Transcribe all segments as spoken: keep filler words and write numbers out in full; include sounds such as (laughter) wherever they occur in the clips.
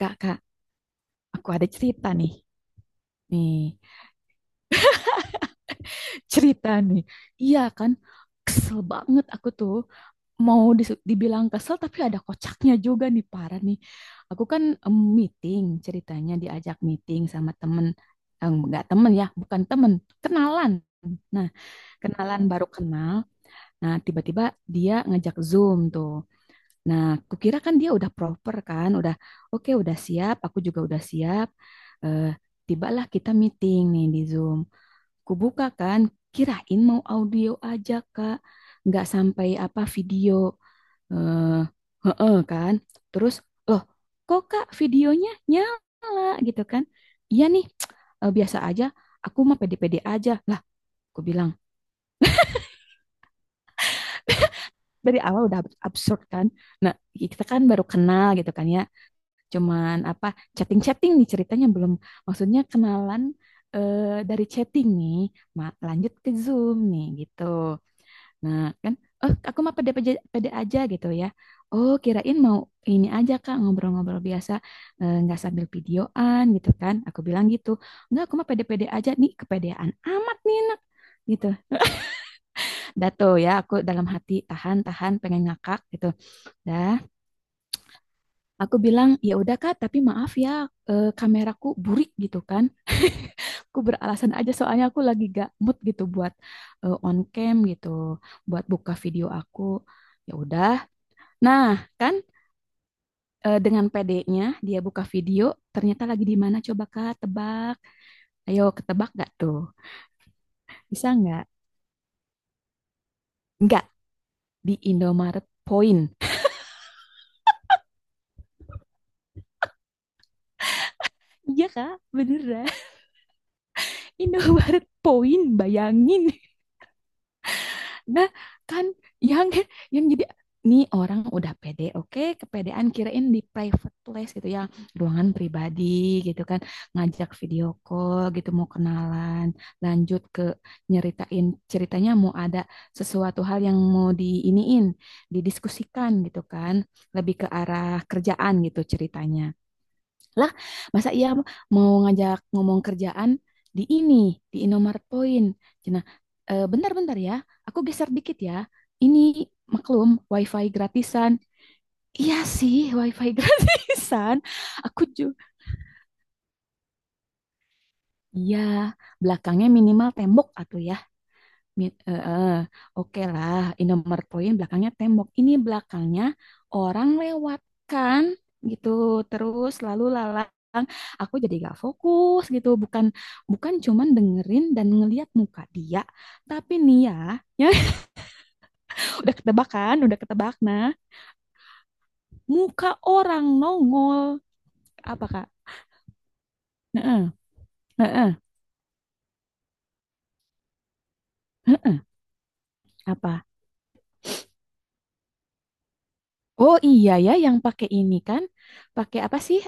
Kak, kak, aku ada cerita nih. Nih, cerita nih. Iya kan, kesel banget aku tuh. Mau dis- dibilang kesel, tapi ada kocaknya juga nih, parah nih. Aku kan em, meeting, ceritanya diajak meeting sama temen. Eh, enggak temen ya, bukan temen, kenalan. Nah, kenalan baru kenal. Nah, tiba-tiba dia ngajak Zoom tuh. Nah, kukira kan dia udah proper kan, udah oke, udah siap, aku juga udah siap. Eh, tibalah kita meeting nih di Zoom. Kubuka kan, kirain mau audio aja, Kak. Nggak sampai apa video. Eh, heeh kan. Terus, loh, kok Kak videonya nyala gitu kan? Iya nih, (tsk) eh, biasa aja. Aku mah pede-pede aja. Lah, aku bilang. Dari awal udah absurd kan. Nah, kita kan baru kenal gitu kan ya, cuman apa chatting-chatting nih ceritanya, belum maksudnya kenalan, eh, dari chatting nih, ma- lanjut ke Zoom nih gitu. Nah, kan oh aku mah pede pede, pede aja gitu ya. Oh, kirain mau ini aja Kak ngobrol-ngobrol biasa, eh, nggak sambil videoan gitu kan. Aku bilang gitu. Enggak, aku mah pede-pede aja nih, kepedean amat nih anak gitu. Dah tuh ya aku dalam hati tahan-tahan pengen ngakak gitu. Dah, aku bilang, ya udah Kak, tapi maaf ya, eh, kameraku burik gitu kan. (laughs) Aku beralasan aja soalnya aku lagi gak mood gitu buat eh, on cam gitu, buat buka video aku. Ya udah. Nah, kan eh, dengan pd dia buka video, ternyata lagi di mana coba Kak, tebak. Ayo ketebak gak tuh? Bisa nggak? Nggak, di Indomaret Point. Iya Kak, beneran. (laughs) Indomaret Point, bayangin. Nah, kan yang yang jadi nih orang udah pede, oke, kepedean, kirain di private place gitu ya, ruangan pribadi gitu kan, ngajak video call gitu mau kenalan, lanjut ke nyeritain ceritanya mau ada sesuatu hal yang mau diiniin, didiskusikan gitu kan, lebih ke arah kerjaan gitu ceritanya. Lah, masa iya mau ngajak ngomong kerjaan di ini, di Indomaret Point. Cina, "Eh, bentar-bentar ya, aku geser dikit ya. Ini maklum, wifi gratisan. Iya sih, wifi (laughs) gratisan. Aku juga, iya, belakangnya minimal tembok atau ya. Mi- eh, eh, Oke lah, Indomaret poin belakangnya tembok. Ini belakangnya orang lewat kan gitu. Terus lalu lalang, aku jadi gak fokus gitu. Bukan bukan cuman dengerin dan ngeliat muka dia, tapi nih ya, (laughs) ya udah ketebak kan, udah ketebak nah. Muka orang nongol apa Kak? Heeh, heeh, heeh. Apa? Oh iya ya yang pakai ini kan. Pakai apa sih?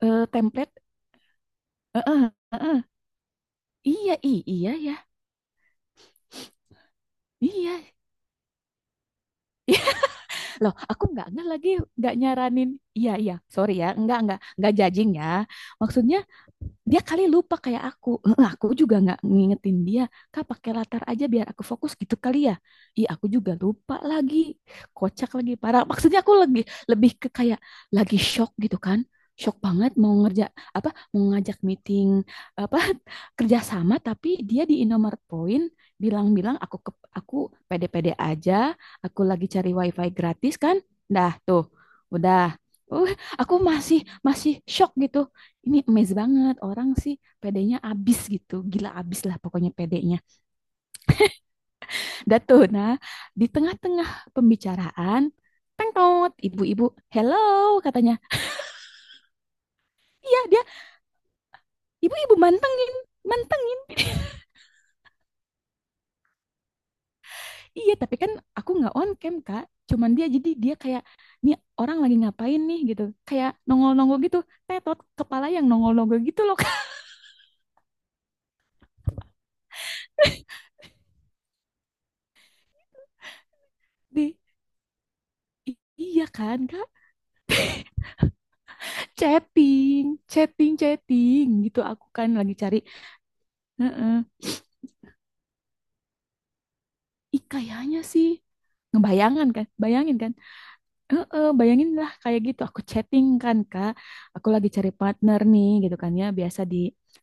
Eh, template. Heeh. Heeh. Iya, i- iya ya. Iya. Iya. Loh, aku nggak nggak lagi nggak nyaranin. Iya, iya. Sorry ya, nggak nggak nggak judging ya. Maksudnya dia kali lupa kayak aku. Heeh, aku juga nggak ngingetin dia, kak pakai latar aja biar aku fokus gitu kali ya. Ih, aku juga lupa lagi, kocak lagi parah. Maksudnya aku lagi lebih ke kayak lagi shock gitu kan, shock banget. Mau ngerja apa, mau ngajak meeting apa, (laughs) kerjasama, tapi dia di Indomaret Point. Bilang-bilang aku ke, aku pede-pede aja, aku lagi cari wifi gratis kan. Dah tuh, udah. Uh, aku masih masih shock gitu. Ini amazing banget orang sih, pedenya abis gitu, gila abis lah pokoknya pedenya. Datuna di tengah-tengah pembicaraan, tengkot ibu-ibu, hello, katanya. Iya, dia ibu-ibu manteng nih, manteng. Iya, tapi kan aku nggak on cam kak, cuman dia, jadi dia kayak nih orang lagi ngapain nih gitu, kayak nongol-nongol gitu, tetot kepala yang nongol-nongol gitu loh kak. Di, iya kan kak, chatting, chatting chatting gitu aku kan lagi cari. Heeh. Ih, kayaknya sih ngebayangan kan, bayangin kan, eh eh, bayangin lah kayak gitu. Aku chatting kan kak, aku lagi cari partner nih gitu kan ya, biasa di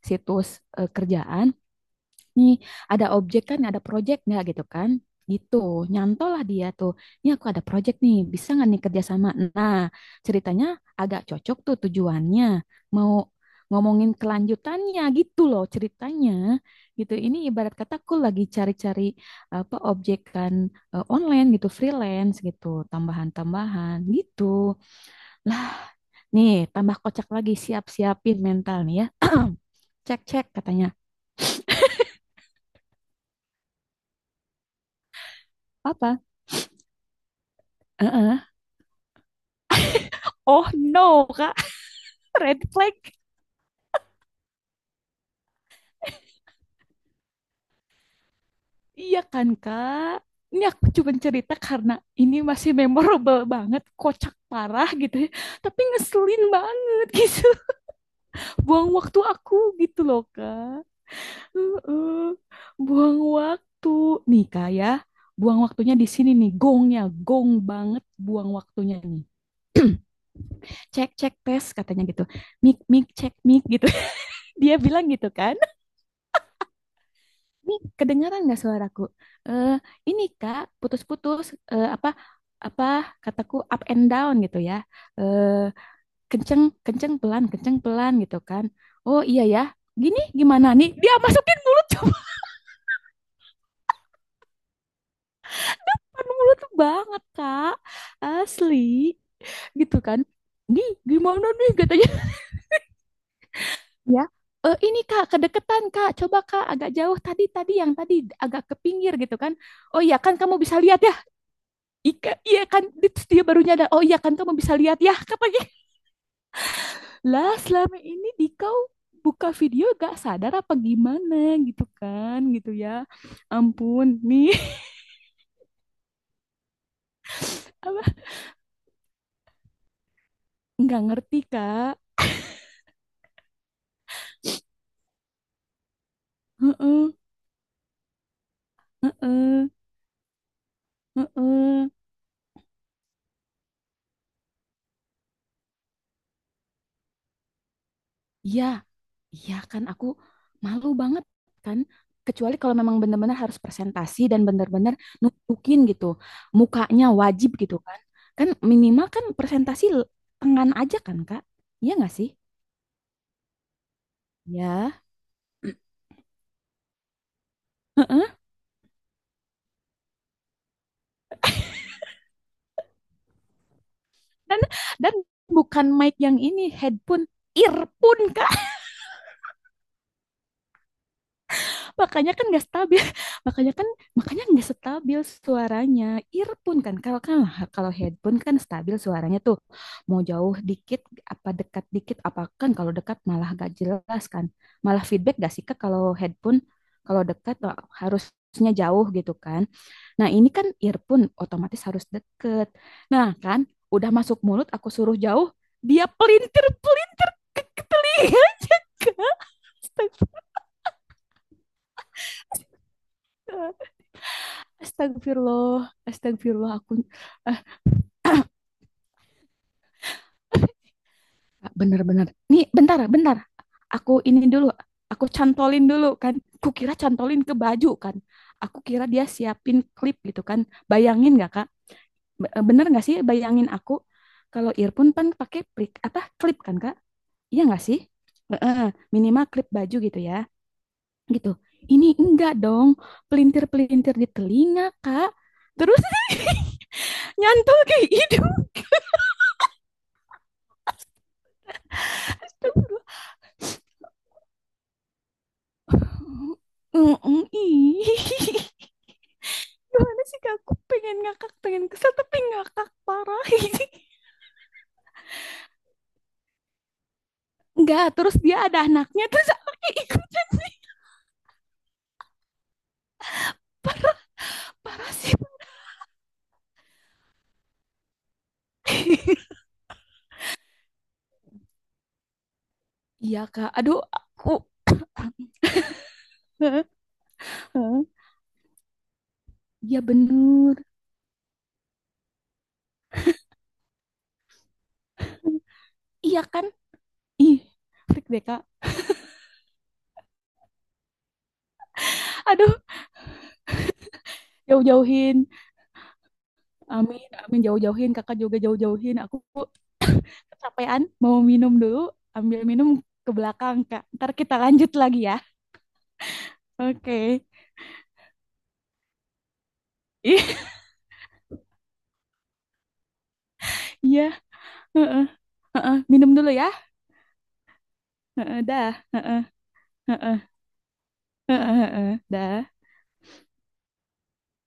situs, eh, kerjaan nih, ada objek kan, ada project nggak gitu kan? Gitu, nyantol lah dia tuh. Ini aku ada project nih, bisa nggak nih kerjasama? Nah, ceritanya agak cocok tuh tujuannya. Mau ngomongin kelanjutannya gitu loh ceritanya. Gitu, ini ibarat kata aku lagi cari-cari apa objekan, eh, online gitu, freelance gitu, tambahan-tambahan gitu. Lah, nih tambah kocak lagi, siap-siapin mental nih ya. Cek-cek katanya. Apa? Heeh. Oh no, Kak. Red flag, iya kan kak? Ini aku cuma cerita karena ini masih memorable banget, kocak parah gitu ya. Tapi ngeselin banget (laughs) gitu. Buang waktu aku gitu loh kak. Heeh. Buang waktu. Nih kak ya, buang waktunya di sini nih. Gongnya, gong banget buang waktunya nih. Cek, cek, tes katanya gitu. Mik, mik, cek, mik gitu. (laughs) Dia bilang gitu kan. Ini kedengaran nggak suaraku? Eh, ini Kak, putus-putus. Eh, apa apa kataku up and down gitu ya. Eh, kenceng kenceng pelan kenceng pelan gitu kan. Oh iya ya. Gini gimana nih? Dia masukin mulut (laughs) cuman mulut tuh banget Kak. Asli gitu kan. Nih gimana nih katanya (laughs) ya. Eh, ini Kak kedeketan Kak. Coba Kak agak jauh, tadi tadi yang tadi agak ke pinggir gitu kan. Oh iya kan kamu bisa lihat ya. Ika, iya kan, terus dia baru nyadar, oh iya kan kamu bisa lihat, ya katanya. Lah selama ini Dikau buka video gak sadar apa gimana gitu kan, gitu ya. Ampun, nih, apa, (laughs) nggak ngerti kak. Heeh, heeh, heeh. Iya, iya kan aku malu banget kan. Kecuali kalau memang benar-benar harus presentasi dan benar-benar nunjukin gitu. Mukanya wajib gitu kan. Kan minimal kan presentasi tangan aja kan kak. Iya nggak sih? Ya. (clears throat) Heeh. Dan dan bukan mic yang ini, headphone, earphone, Kak. Makanya kan nggak stabil, (laughs) makanya kan makanya nggak stabil suaranya. Earphone kan, kalau kan, kalau headphone kan stabil suaranya tuh, mau jauh dikit apa dekat dikit apa. Kan kalau dekat malah gak jelas kan, malah feedback gak sih Kak kalau headphone. Kalau dekat wah, harusnya jauh gitu kan. Nah ini kan earphone otomatis harus deket. Nah kan udah masuk mulut, aku suruh jauh, dia pelintir pelintir aja (laughs) Kak. Astagfirullah, astagfirullah aku eh bener-bener. Nih, bentar, bentar. Aku ini dulu, aku cantolin dulu kan. Kukira cantolin ke baju kan. Aku kira dia siapin klip gitu kan. Bayangin nggak Kak? Be- eh, Bener nggak sih, bayangin aku, kalau earphone kan pakai plik apa klip kan Kak? Iya nggak sih? Heeh, minimal klip baju gitu ya. Gitu. Ini enggak dong, pelintir-pelintir di telinga, Kak. Terus (laughs) nyantol ke hidung. (laughs) Astagfirullah. Mm-mm, ih. (laughs) Gimana sih Kak? Aku pengen ngakak, pengen kesel, tapi ngakak parah. (laughs) Enggak, terus dia ada anaknya, terus anaknya ikutan. Parah sih. (laughs) Iya Kak, aduh aku. (laughs) Iya bener. Iya kan? Ih, freak deh Kak. Aduh, jauh-jauhin. Amin, amin jauh-jauhin. Kakak juga jauh-jauhin. Aku kecapean, mau minum dulu. Ambil minum ke belakang Kak. Ntar kita lanjut lagi ya. Oke. Okay. Ih. Iya, heeh, heeh. Minum dulu ya. Heeh, dah. Heeh, heeh, heeh, heeh, dah.